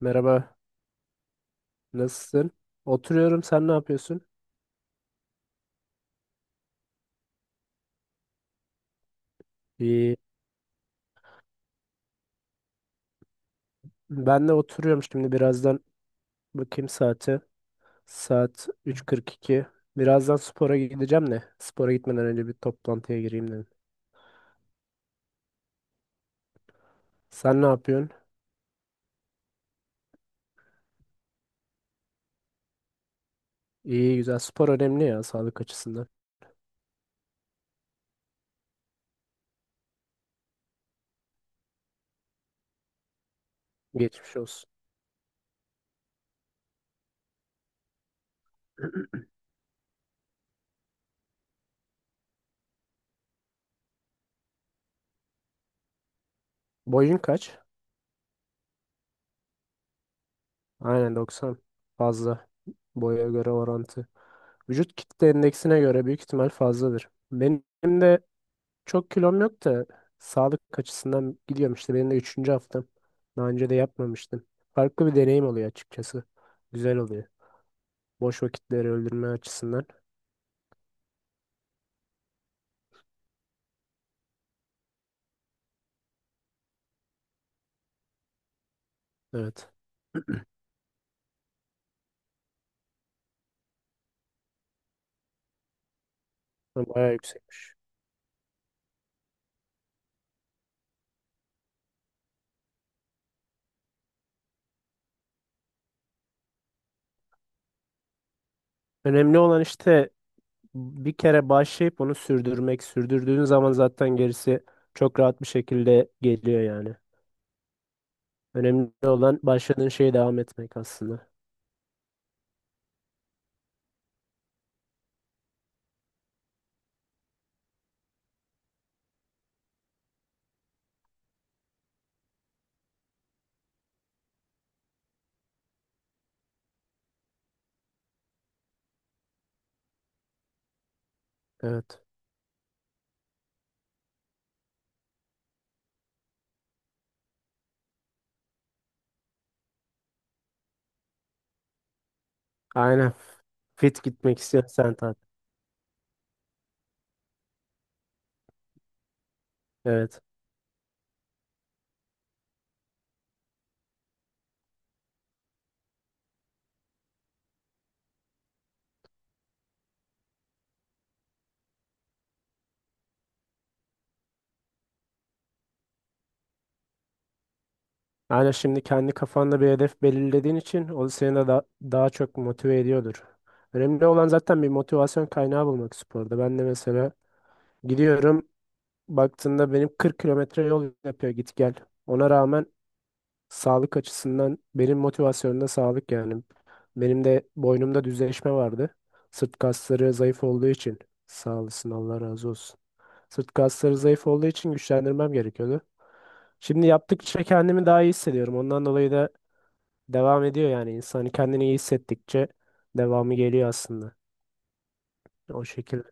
Merhaba, nasılsın? Oturuyorum, sen ne yapıyorsun? İyi. Ben de oturuyorum şimdi birazdan bakayım saate. Saat 3.42. Birazdan spora gideceğim de. Spora gitmeden önce bir toplantıya gireyim dedim. Sen ne yapıyorsun? İyi güzel. Spor önemli ya sağlık açısından. Geçmiş olsun. Boyun kaç? Aynen 90. Fazla. Boya göre orantı. Vücut kitle endeksine göre büyük ihtimal fazladır. Benim de çok kilom yok da sağlık açısından gidiyorum, işte benim de üçüncü haftam. Daha önce de yapmamıştım. Farklı bir deneyim oluyor açıkçası. Güzel oluyor. Boş vakitleri öldürme açısından. Evet. Bayağı yüksek. Önemli olan işte bir kere başlayıp onu sürdürmek. Sürdürdüğün zaman zaten gerisi çok rahat bir şekilde geliyor yani. Önemli olan başladığın şeye devam etmek aslında. Evet. Aynen. Fit gitmek istiyorsan tabii. Evet. Yani şimdi kendi kafanda bir hedef belirlediğin için o seni de daha çok motive ediyordur. Önemli olan zaten bir motivasyon kaynağı bulmak sporda. Ben de mesela gidiyorum, baktığında benim 40 kilometre yol yapıyor git gel. Ona rağmen sağlık açısından benim motivasyonumda sağlık yani. Benim de boynumda düzleşme vardı. Sırt kasları zayıf olduğu için sağ olasın, Allah razı olsun. Sırt kasları zayıf olduğu için güçlendirmem gerekiyordu. Şimdi yaptıkça kendimi daha iyi hissediyorum. Ondan dolayı da devam ediyor yani, insan hani kendini iyi hissettikçe devamı geliyor aslında. O şekilde.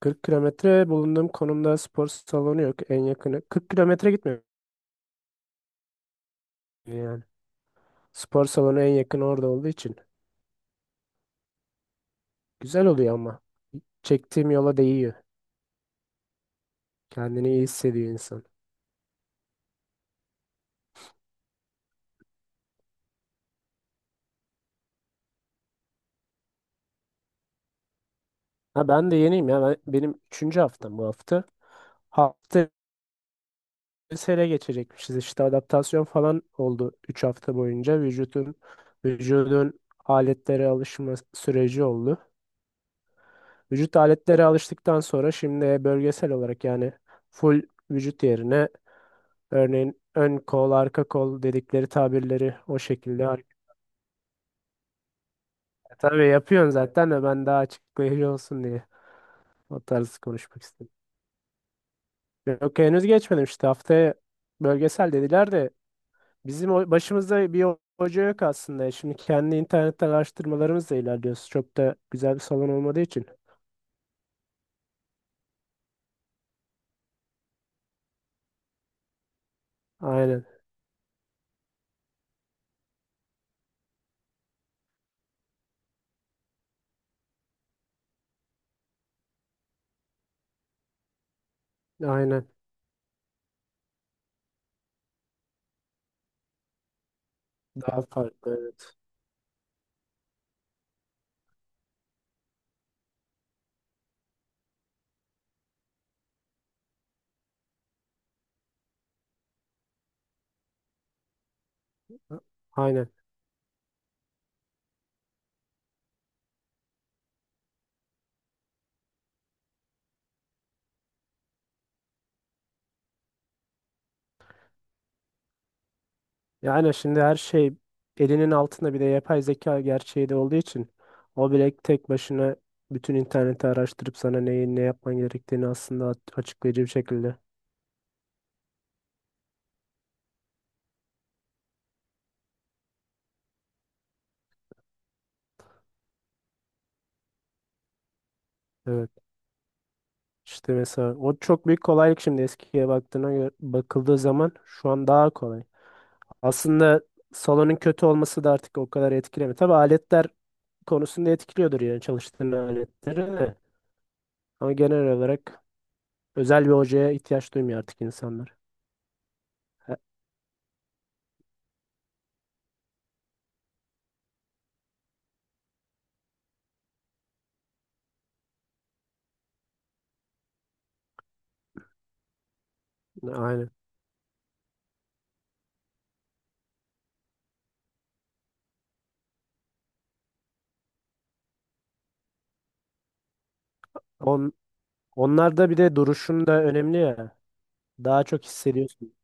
40 kilometre, bulunduğum konumda spor salonu yok. En yakını 40 kilometre, gitmiyor yani. Spor salonu en yakın orada olduğu için. Güzel oluyor ama. Çektiğim yola değiyor. Kendini iyi hissediyor insan. Ha, ben de yeniyim ya. Benim üçüncü haftam bu hafta. Hafta sele geçecekmişiz. İşte adaptasyon falan oldu 3 hafta boyunca. Vücudun aletlere alışma süreci oldu. Vücut aletlere alıştıktan sonra şimdi bölgesel olarak, yani full vücut yerine örneğin ön kol, arka kol dedikleri tabirleri o şekilde hareket. Tabii yapıyorsun zaten de, ben daha açıklayıcı olsun diye o tarz konuşmak istedim. Yok, henüz geçmedim işte, haftaya bölgesel dediler de bizim başımızda bir hoca yok aslında. Şimdi kendi internetten araştırmalarımızla ilerliyoruz. Çok da güzel bir salon olmadığı için. Aynen, aynen. Daha farklı, evet. Aynen. Yani şimdi her şey elinin altında, bir de yapay zeka gerçeği de olduğu için o bile tek başına bütün interneti araştırıp sana neyi ne yapman gerektiğini aslında açıklayıcı bir şekilde. Evet. İşte mesela o çok büyük kolaylık, şimdi eskiye baktığına göre bakıldığı zaman şu an daha kolay. Aslında salonun kötü olması da artık o kadar etkilemiyor. Tabii aletler konusunda etkiliyordur, yani çalıştığın aletleri de. Ama genel olarak özel bir hocaya ihtiyaç duymuyor artık insanlar. He- Aynen. On, Onlarda bir de duruşun da önemli ya. Daha çok hissediyorsun.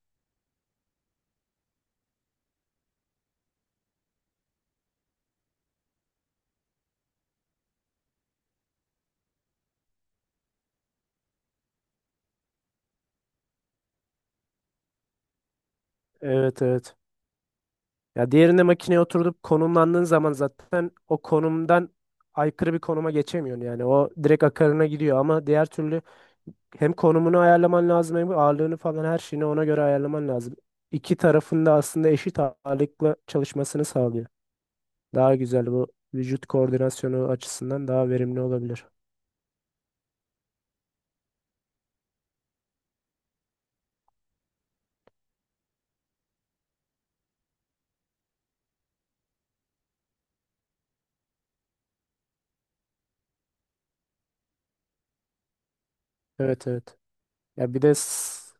Evet, evet. Ya diğerinde makineye oturup konumlandığın zaman zaten o konumdan aykırı bir konuma geçemiyorsun yani. O direkt akarına gidiyor ama diğer türlü hem konumunu ayarlaman lazım hem ağırlığını falan her şeyini ona göre ayarlaman lazım. İki tarafın da aslında eşit ağırlıkla çalışmasını sağlıyor. Daha güzel, bu vücut koordinasyonu açısından daha verimli olabilir. Evet, evet. Ya bir de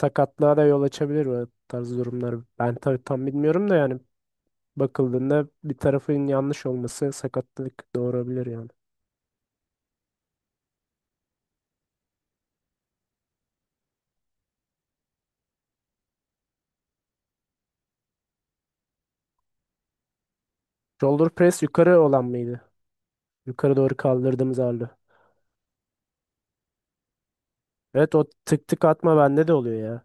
sakatlığa da yol açabilir bu tarz durumlar. Ben tabii tam bilmiyorum da, yani bakıldığında bir tarafın yanlış olması sakatlık doğurabilir yani. Shoulder press yukarı olan mıydı? Yukarı doğru kaldırdığımız ağırlığı. Evet, o tık tık atma bende de oluyor ya.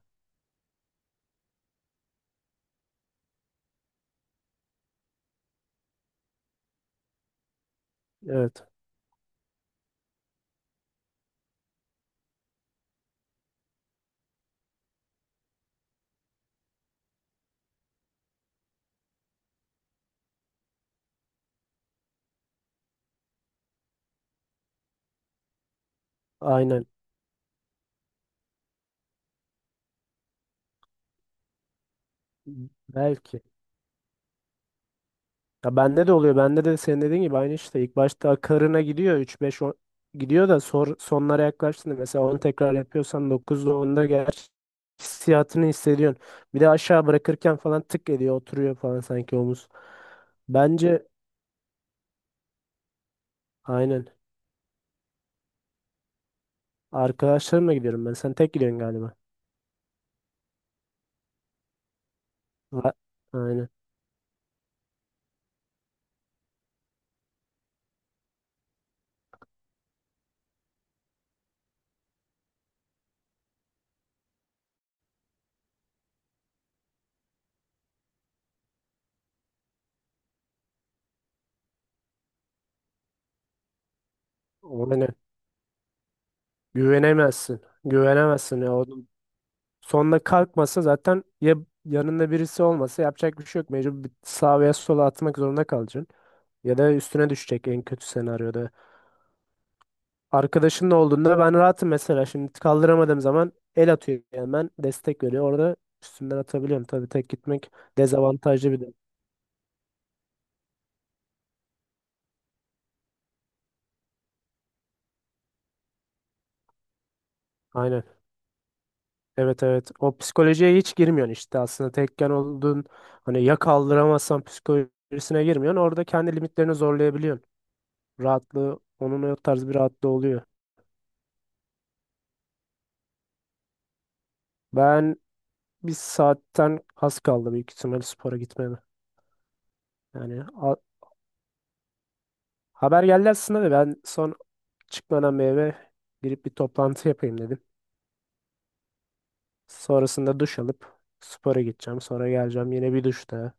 Evet, aynen. Belki. Ya bende de oluyor. Bende de senin dediğin gibi aynı işte. İlk başta akarına gidiyor. Gidiyor da, sonlara yaklaştığında mesela 10 tekrar yapıyorsan 9'da 10'da gerçi hissiyatını hissediyorsun. Bir de aşağı bırakırken falan tık ediyor. Oturuyor falan sanki omuz. Bence aynen. Arkadaşlarımla gidiyorum ben. Sen tek gidiyorsun galiba. A- Aynen. Ona ne? Güvenemezsin. Güvenemezsin ya. Onun sonunda kalkmasa zaten ya, yanında birisi olmasa yapacak bir şey yok. Mecbur bir sağa veya sola atmak zorunda kalacaksın. Ya da üstüne düşecek, en kötü senaryoda. Arkadaşınla olduğunda ben rahatım mesela. Şimdi kaldıramadığım zaman el atıyor, hemen destek veriyor. Orada üstünden atabiliyorum. Tabii tek gitmek dezavantajlı bir de. Aynen. Evet, evet. O psikolojiye hiç girmiyorsun işte aslında. Tekken olduğun hani, ya kaldıramazsan psikolojisine girmiyorsun. Orada kendi limitlerini zorlayabiliyorsun. Rahatlığı onun, o tarz bir rahatlığı oluyor. Ben, bir saatten az kaldı büyük ihtimalle spora gitmeme. Yani haber geldi aslında da, ben son çıkmadan bir eve girip bir toplantı yapayım dedim. Sonrasında duş alıp spora gideceğim. Sonra geleceğim, yine bir duş daha.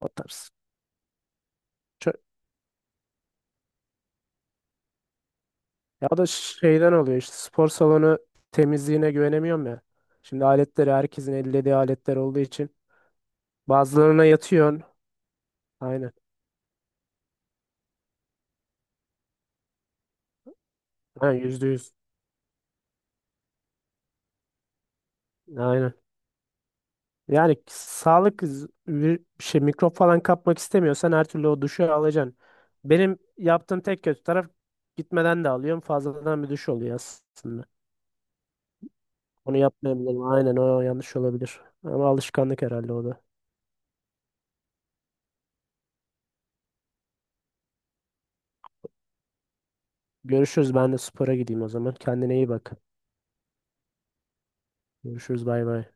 O tarz. Çö- Ya o da şeyden oluyor işte, spor salonu temizliğine güvenemiyorum ya. Şimdi aletleri herkesin ellediği aletler olduğu için bazılarına yatıyorsun. Aynen. Ha, %100. Aynen. Yani sağlık bir şey, mikrop falan kapmak istemiyorsan her türlü o duşu alacaksın. Benim yaptığım tek kötü taraf, gitmeden de alıyorum. Fazladan bir duş oluyor aslında. Onu yapmayabilirim. Aynen, o yanlış olabilir. Ama alışkanlık herhalde o da. Görüşürüz. Ben de spora gideyim o zaman. Kendine iyi bak. Görüşürüz. Bay bay.